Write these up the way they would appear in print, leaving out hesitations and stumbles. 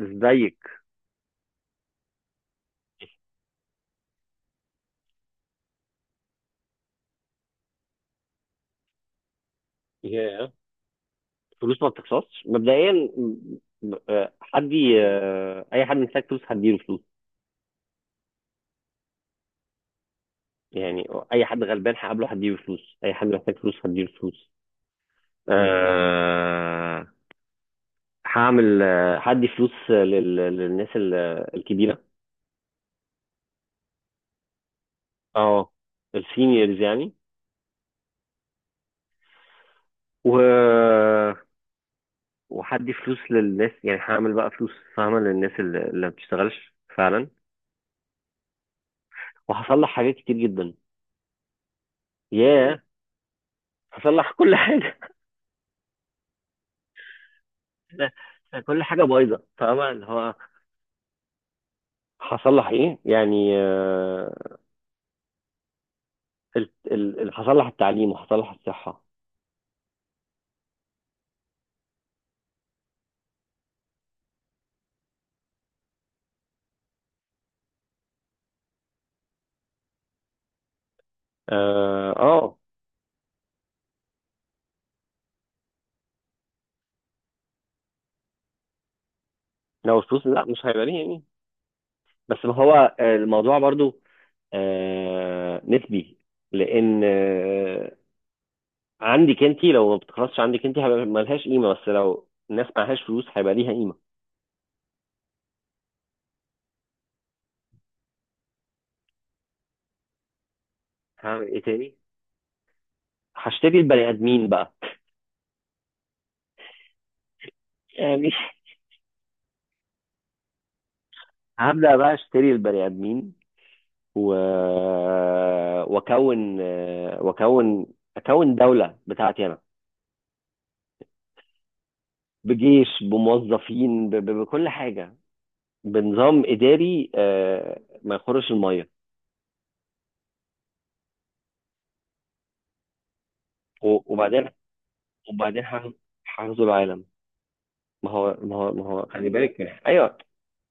ازيك؟ ياه. فلوس ما بتخسرش مبدئيا. حد اي حد محتاج فلوس هديله فلوس. يعني اي حد غلبان هقابله هديله فلوس، اي حد محتاج فلوس هديله فلوس. أه، هعمل، هدي فلوس للناس الكبيره. اه، السينيورز يعني. و وهدي فلوس للناس. يعني هعمل بقى فلوس، فاهمه، للناس اللي ما بتشتغلش فعلا. وهصلح حاجات كتير جدا. ياه، هصلح كل حاجه. كل حاجه بايظه، فاهمه، اللي هو هصلح ايه يعني. هصلح التعليم وهصلح الصحه. اه. لو الفلوس، لا، مش هيبقى ليه يعني. بس ما هو الموضوع برضو نسبي. لان عندك انت، لو ما بتخلصش عندك انت هيبقى ملهاش قيمه، بس لو الناس معهاش فلوس هيبقى ليها قيمه. هعمل ايه تاني؟ هشتري البني ادمين بقى. يعني هبدا بقى اشتري البني ادمين. و... واكون واكون اكون دولة بتاعتي انا. بجيش، بموظفين، بكل حاجة. بنظام اداري ما يخرش المية. وبعدين، وبعدين، هغزو العالم. ما هو خلي بالك ايوه.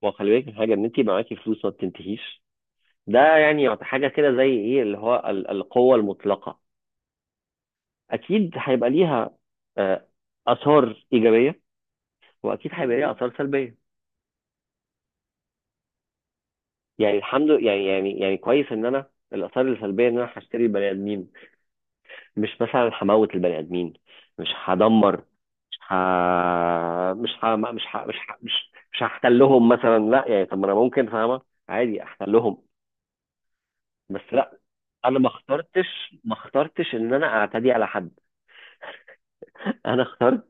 ما هو خلي بالك من حاجة ان انت معاكي فلوس ما بتنتهيش. ده يعني، حاجة كده، زي ايه اللي هو، القوة المطلقة. اكيد هيبقى ليها آه، اثار ايجابية، واكيد هيبقى ليها اثار سلبية. يعني الحمد لله، يعني، كويس ان انا الاثار السلبيه ان انا هشتري البني ادمين. مش مثلا هموت البني ادمين، مش هدمر، مش ه... مش ه... مش ه... مش ه... مش مش هحتلهم مثلا. لا يعني، طب ما انا ممكن، فاهمه، عادي احتلهم. بس لا، انا ما اخترتش ان انا اعتدي على حد. انا اخترت.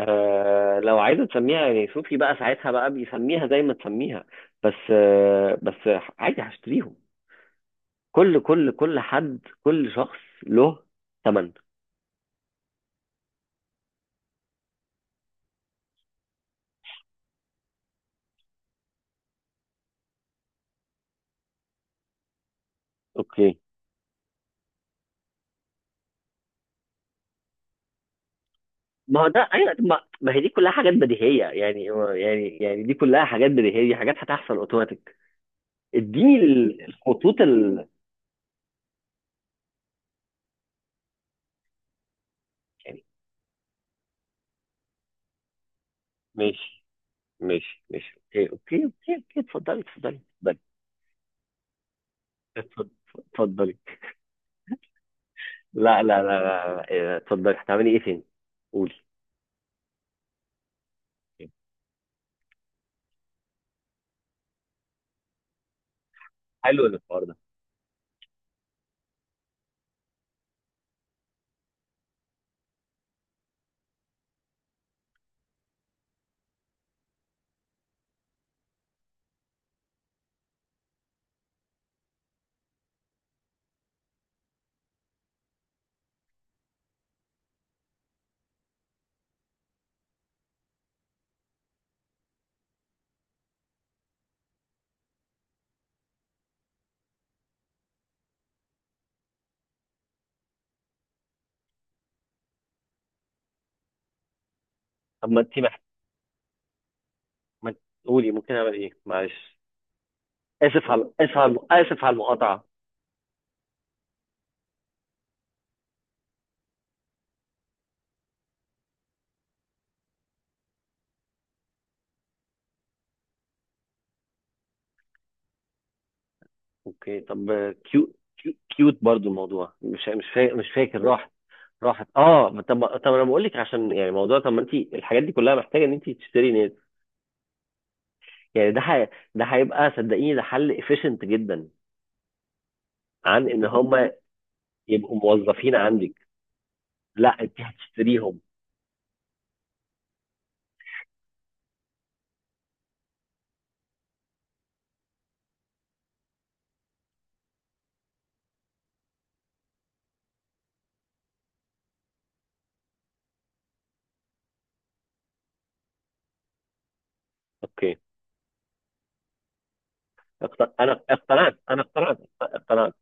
آه، لو عايزه تسميها، يعني، صوفي بقى، ساعتها بقى بيسميها زي ما تسميها. بس بس عادي هشتريهم. كل حد، كل شخص له ثمن. اوكي. ما هو ده، ايوه، ما هي دي كلها حاجات بديهيه يعني. يعني، دي كلها حاجات بديهيه، دي حاجات هتحصل اوتوماتيك. اديني الخطوط يعني، ماشي. ماشي، ماشي، اوكي، اوكي، اوكي، اوكي. اتفضلي، اتفضلي، اتفضلي، اتفضلي، اتفضلي. لا، لا، لا، لا. لا، إيه، اتفضلي، هتعملي ايه تاني؟ قولي. حلو الحوار ده. طب ما انت ما انت- قولي، ممكن اعمل ايه؟ معلش، اسف على المقاطعه. اوكي، طب. كيوت. كيوت برضو الموضوع، مش فاكر، راحت. راحت. اه، طب، انا بقول لك، عشان يعني موضوع، طب ما انت الحاجات دي كلها محتاجه ان انت تشتري نت. يعني ده ده هيبقى، صدقيني، ده حل efficient جدا، عن ان هم يبقوا موظفين عندك. لا، انت هتشتريهم. اوكي. انا اقتنعت، اقتنعت.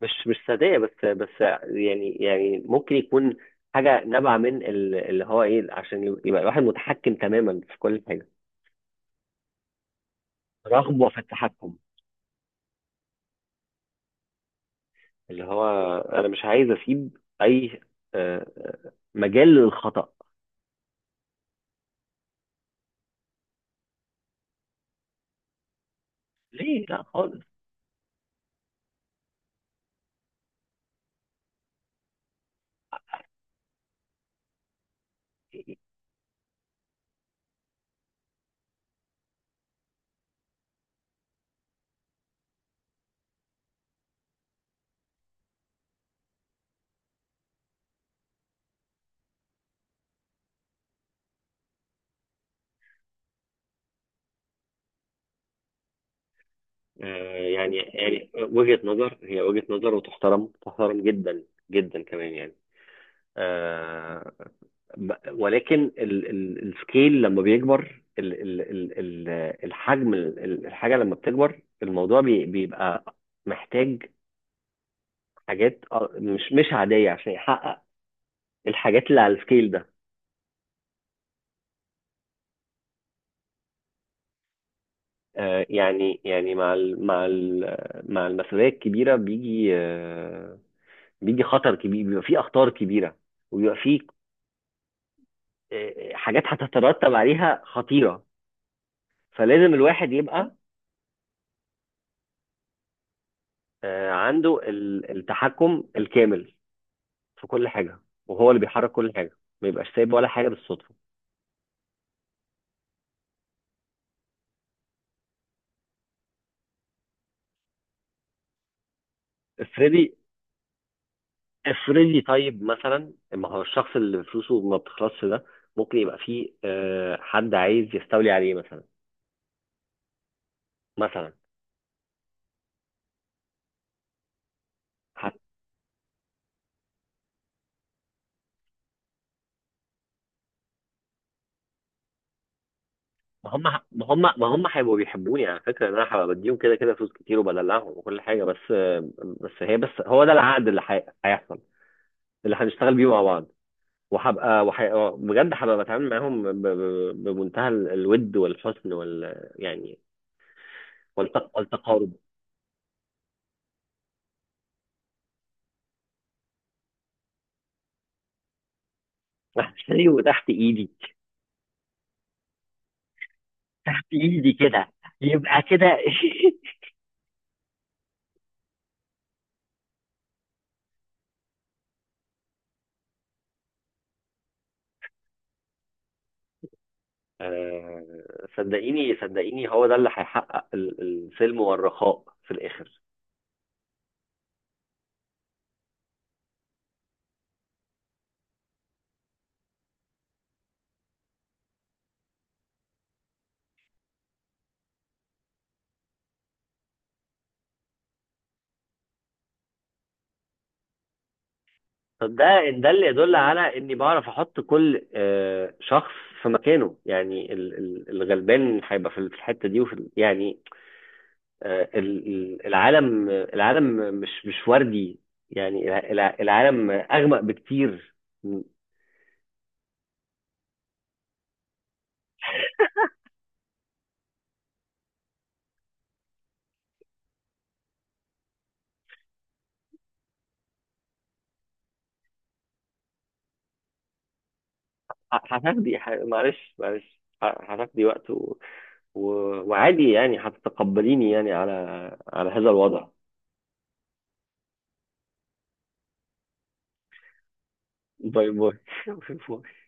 مش صدقيه، بس، يعني، ممكن يكون حاجه نابعه من اللي هو ايه، عشان يبقى الواحد متحكم تماما في كل حاجه. رغبة في التحكم. اللي هو انا مش عايز اسيب اي مجال للخطأ. ليه؟ لا خالص. يعني، وجهة نظر، هي وجهة نظر، وتحترم، جدا، جدا كمان يعني. آه، ب- ولكن السكيل لما بيكبر، الحجم، الحاجة لما بتكبر، الموضوع بيبقى محتاج حاجات مش عادية عشان يحقق الحاجات اللي على السكيل ده. يعني، مع ال، مع المسؤوليه الكبيره بيجي، بيجي خطر كبير، بيبقى فيه اخطار كبيره، وبيبقى فيه حاجات هتترتب عليها خطيره. فلازم الواحد يبقى عنده التحكم الكامل في كل حاجه، وهو اللي بيحرك كل حاجه، ما يبقاش سايب ولا حاجه بالصدفه. افرضي، افرضي طيب، مثلا، ما هو الشخص اللي فلوسه ما بتخلصش ده ممكن يبقى فيه حد عايز يستولي عليه مثلا. مثلا. ما هم ما هم هيبقوا بيحبوني، على فكره، ان انا هبقى بديهم كده كده فلوس كتير، وبدلعهم، وكل حاجه. بس، بس هي بس هو ده العقد اللي هيحصل، اللي هنشتغل بيه مع بعض. وهبقى بجد هبقى بتعامل معاهم، بمنتهى الود والحسن وال، يعني، والتقارب. احسني وتحت ايدي. تحت ايدي كده، يبقى كده صدقيني، هو ده اللي هيحقق السلم والرخاء في الاخر. طب ده، اللي يدل على اني بعرف احط كل شخص في مكانه. يعني الغلبان هيبقى في الحته دي، وفي يعني، العالم مش وردي يعني. العالم اغمق بكتير. ه- هتاخدي معلش، معلش، هتاخدي وقت، وعادي يعني هتتقبليني يعني على هذا الوضع. باي باي